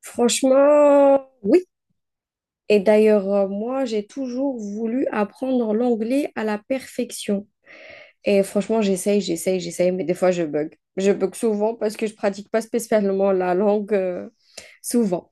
Franchement, oui. Et d'ailleurs, moi, j'ai toujours voulu apprendre l'anglais à la perfection. Et franchement, j'essaye, mais des fois, je bug. Je bug souvent parce que je pratique pas spécialement la langue, souvent.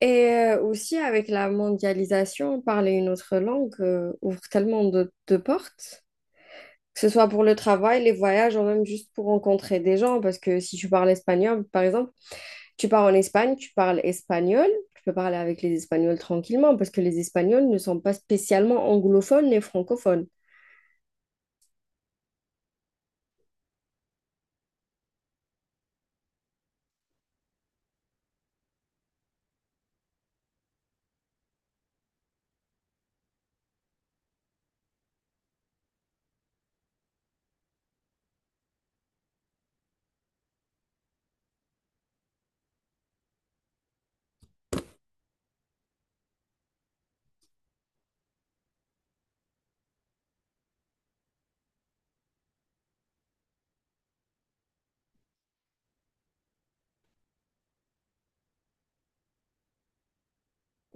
Et aussi, avec la mondialisation, parler une autre langue, ouvre tellement de portes, que ce soit pour le travail, les voyages, ou même juste pour rencontrer des gens. Parce que si tu parles espagnol, par exemple, tu pars en Espagne, tu parles espagnol, tu peux parler avec les Espagnols tranquillement parce que les Espagnols ne sont pas spécialement anglophones et francophones.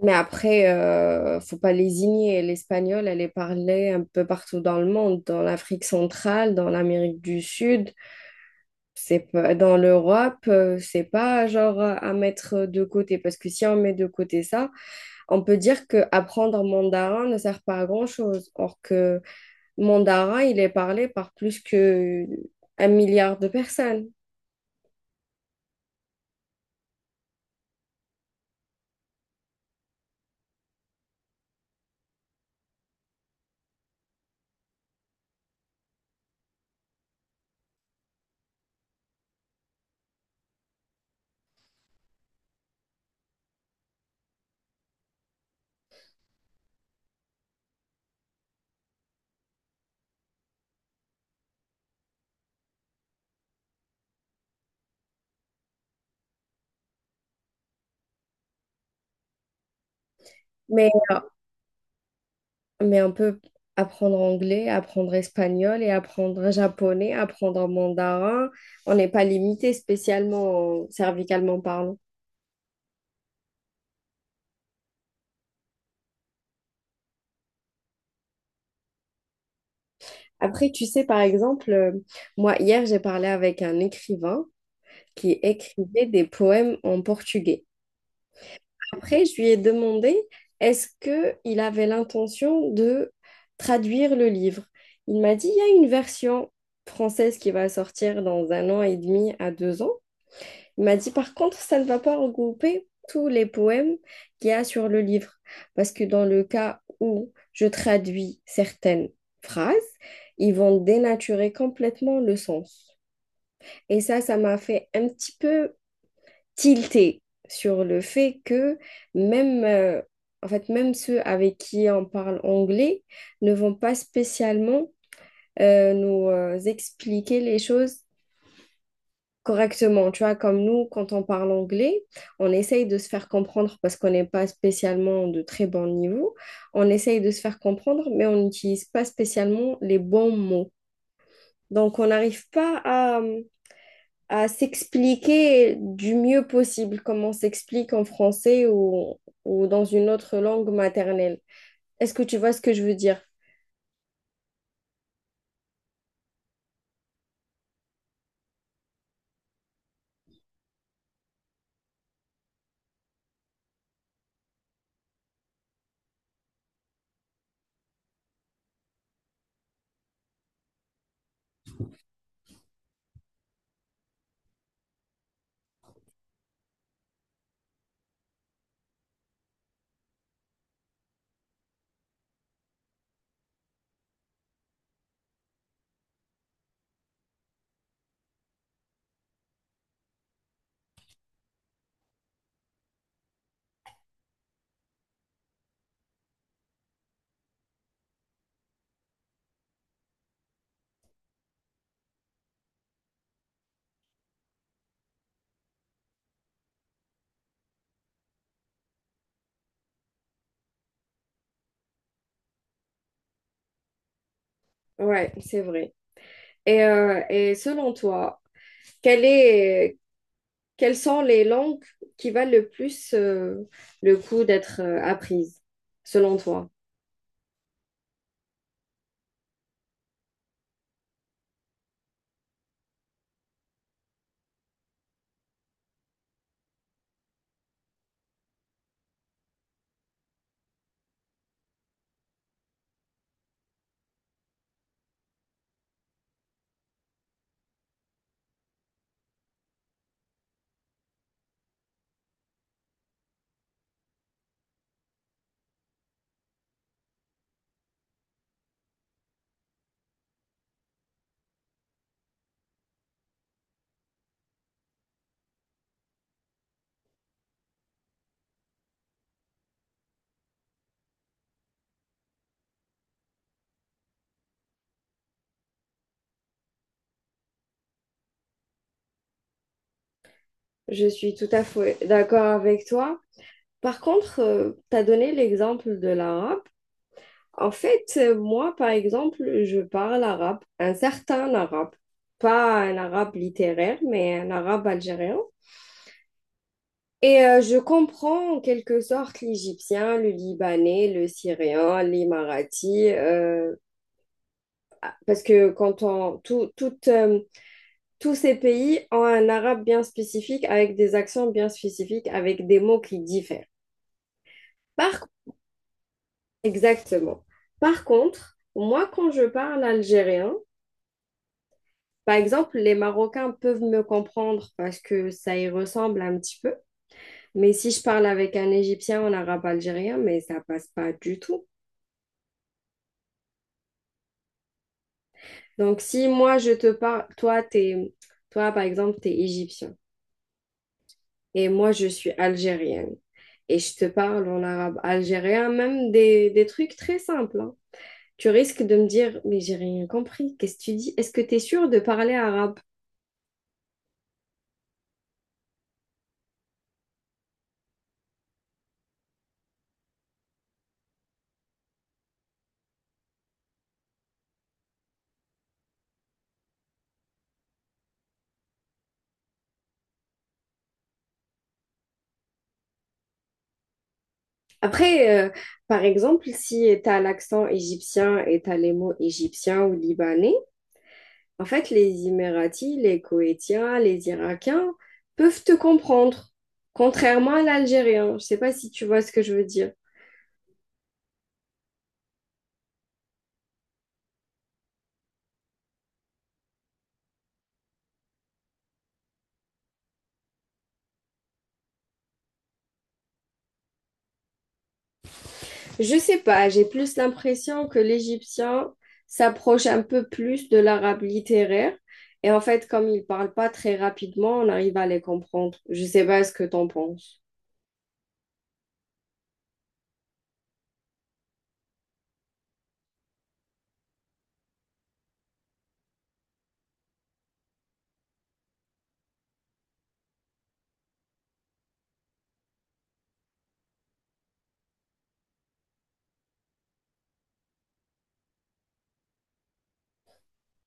Mais après, faut pas lésigner. L'espagnol, elle est parlée un peu partout dans le monde, dans l'Afrique centrale, dans l'Amérique du Sud, c'est pas, dans l'Europe, c'est pas genre à mettre de côté, parce que si on met de côté ça, on peut dire que apprendre mandarin ne sert pas à grand-chose. Or que Mandara, il est parlé par plus que 1 milliard de personnes. Mais, euh, mais on peut apprendre anglais, apprendre espagnol et apprendre japonais, apprendre mandarin. On n'est pas limité spécialement cervicalement parlant. Après, tu sais, par exemple, moi, hier, j'ai parlé avec un écrivain qui écrivait des poèmes en portugais. Après, je lui ai demandé est-ce qu'il avait l'intention de traduire le livre. Il m'a dit, il y a une version française qui va sortir dans 1 an et demi à 2 ans. Il m'a dit, par contre, ça ne va pas regrouper tous les poèmes qu'il y a sur le livre, parce que dans le cas où je traduis certaines phrases, ils vont dénaturer complètement le sens. Et ça m'a fait un petit peu tilté sur le fait que même, euh, en fait, même ceux avec qui on parle anglais ne vont pas spécialement nous expliquer les choses correctement. Tu vois, comme nous, quand on parle anglais, on essaye de se faire comprendre parce qu'on n'est pas spécialement de très bon niveau. On essaye de se faire comprendre, mais on n'utilise pas spécialement les bons mots. Donc, on n'arrive pas à s'expliquer du mieux possible, comme on s'explique en français ou dans une autre langue maternelle. Est-ce que tu vois ce que je veux dire? Ouais, c'est vrai. Et selon toi, quelle est, quelles sont les langues qui valent le plus le coup d'être apprises, selon toi? Je suis tout à fait d'accord avec toi. Par contre, tu as donné l'exemple de l'arabe. En fait, moi, par exemple, je parle arabe, un certain arabe, pas un arabe littéraire, mais un arabe algérien. Et je comprends en quelque sorte l'égyptien, le libanais, le syrien, l'émirati, parce que quand on, tout, toute, tous ces pays ont un arabe bien spécifique, avec des accents bien spécifiques, avec des mots qui diffèrent. Par, exactement. Par contre, moi, quand je parle algérien, par exemple, les Marocains peuvent me comprendre parce que ça y ressemble un petit peu. Mais si je parle avec un Égyptien en arabe algérien, mais ça passe pas du tout. Donc si moi je te parle, toi par exemple t'es égyptien et moi je suis algérienne et je te parle en arabe algérien, même des trucs très simples, hein, tu risques de me dire mais j'ai rien compris, qu'est-ce que tu dis? Est-ce que tu es sûr de parler arabe? Après, par exemple, si tu as l'accent égyptien et tu as les mots égyptiens ou libanais, en fait, les Émiratis, les Koétiens, les Irakiens peuvent te comprendre, contrairement à l'algérien. Je sais pas si tu vois ce que je veux dire. Je sais pas, j'ai plus l'impression que l'égyptien s'approche un peu plus de l'arabe littéraire. Et en fait, comme ils parlent pas très rapidement, on arrive à les comprendre. Je sais pas ce que t'en penses.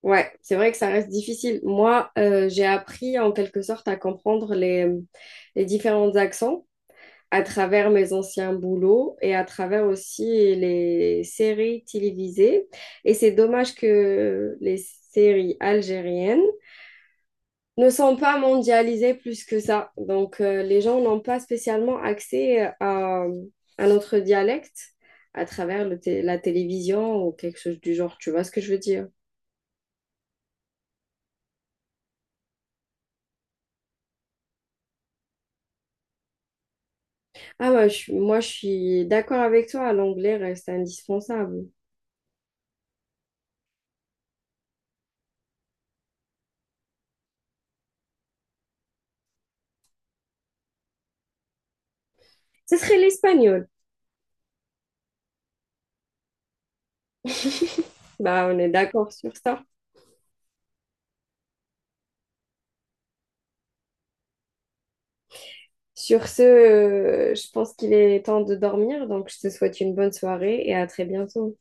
Ouais, c'est vrai que ça reste difficile. Moi, j'ai appris en quelque sorte à comprendre les différents accents à travers mes anciens boulots et à travers aussi les séries télévisées. Et c'est dommage que les séries algériennes ne sont pas mondialisés plus que ça. Donc, les gens n'ont pas spécialement accès à notre dialecte à travers la télévision ou quelque chose du genre. Tu vois ce que je veux dire? Ah ouais, moi, je suis d'accord avec toi. L'anglais reste indispensable. Ce serait l'espagnol. Bah, on est d'accord sur ça. Sur ce, je pense qu'il est temps de dormir. Donc, je te souhaite une bonne soirée et à très bientôt.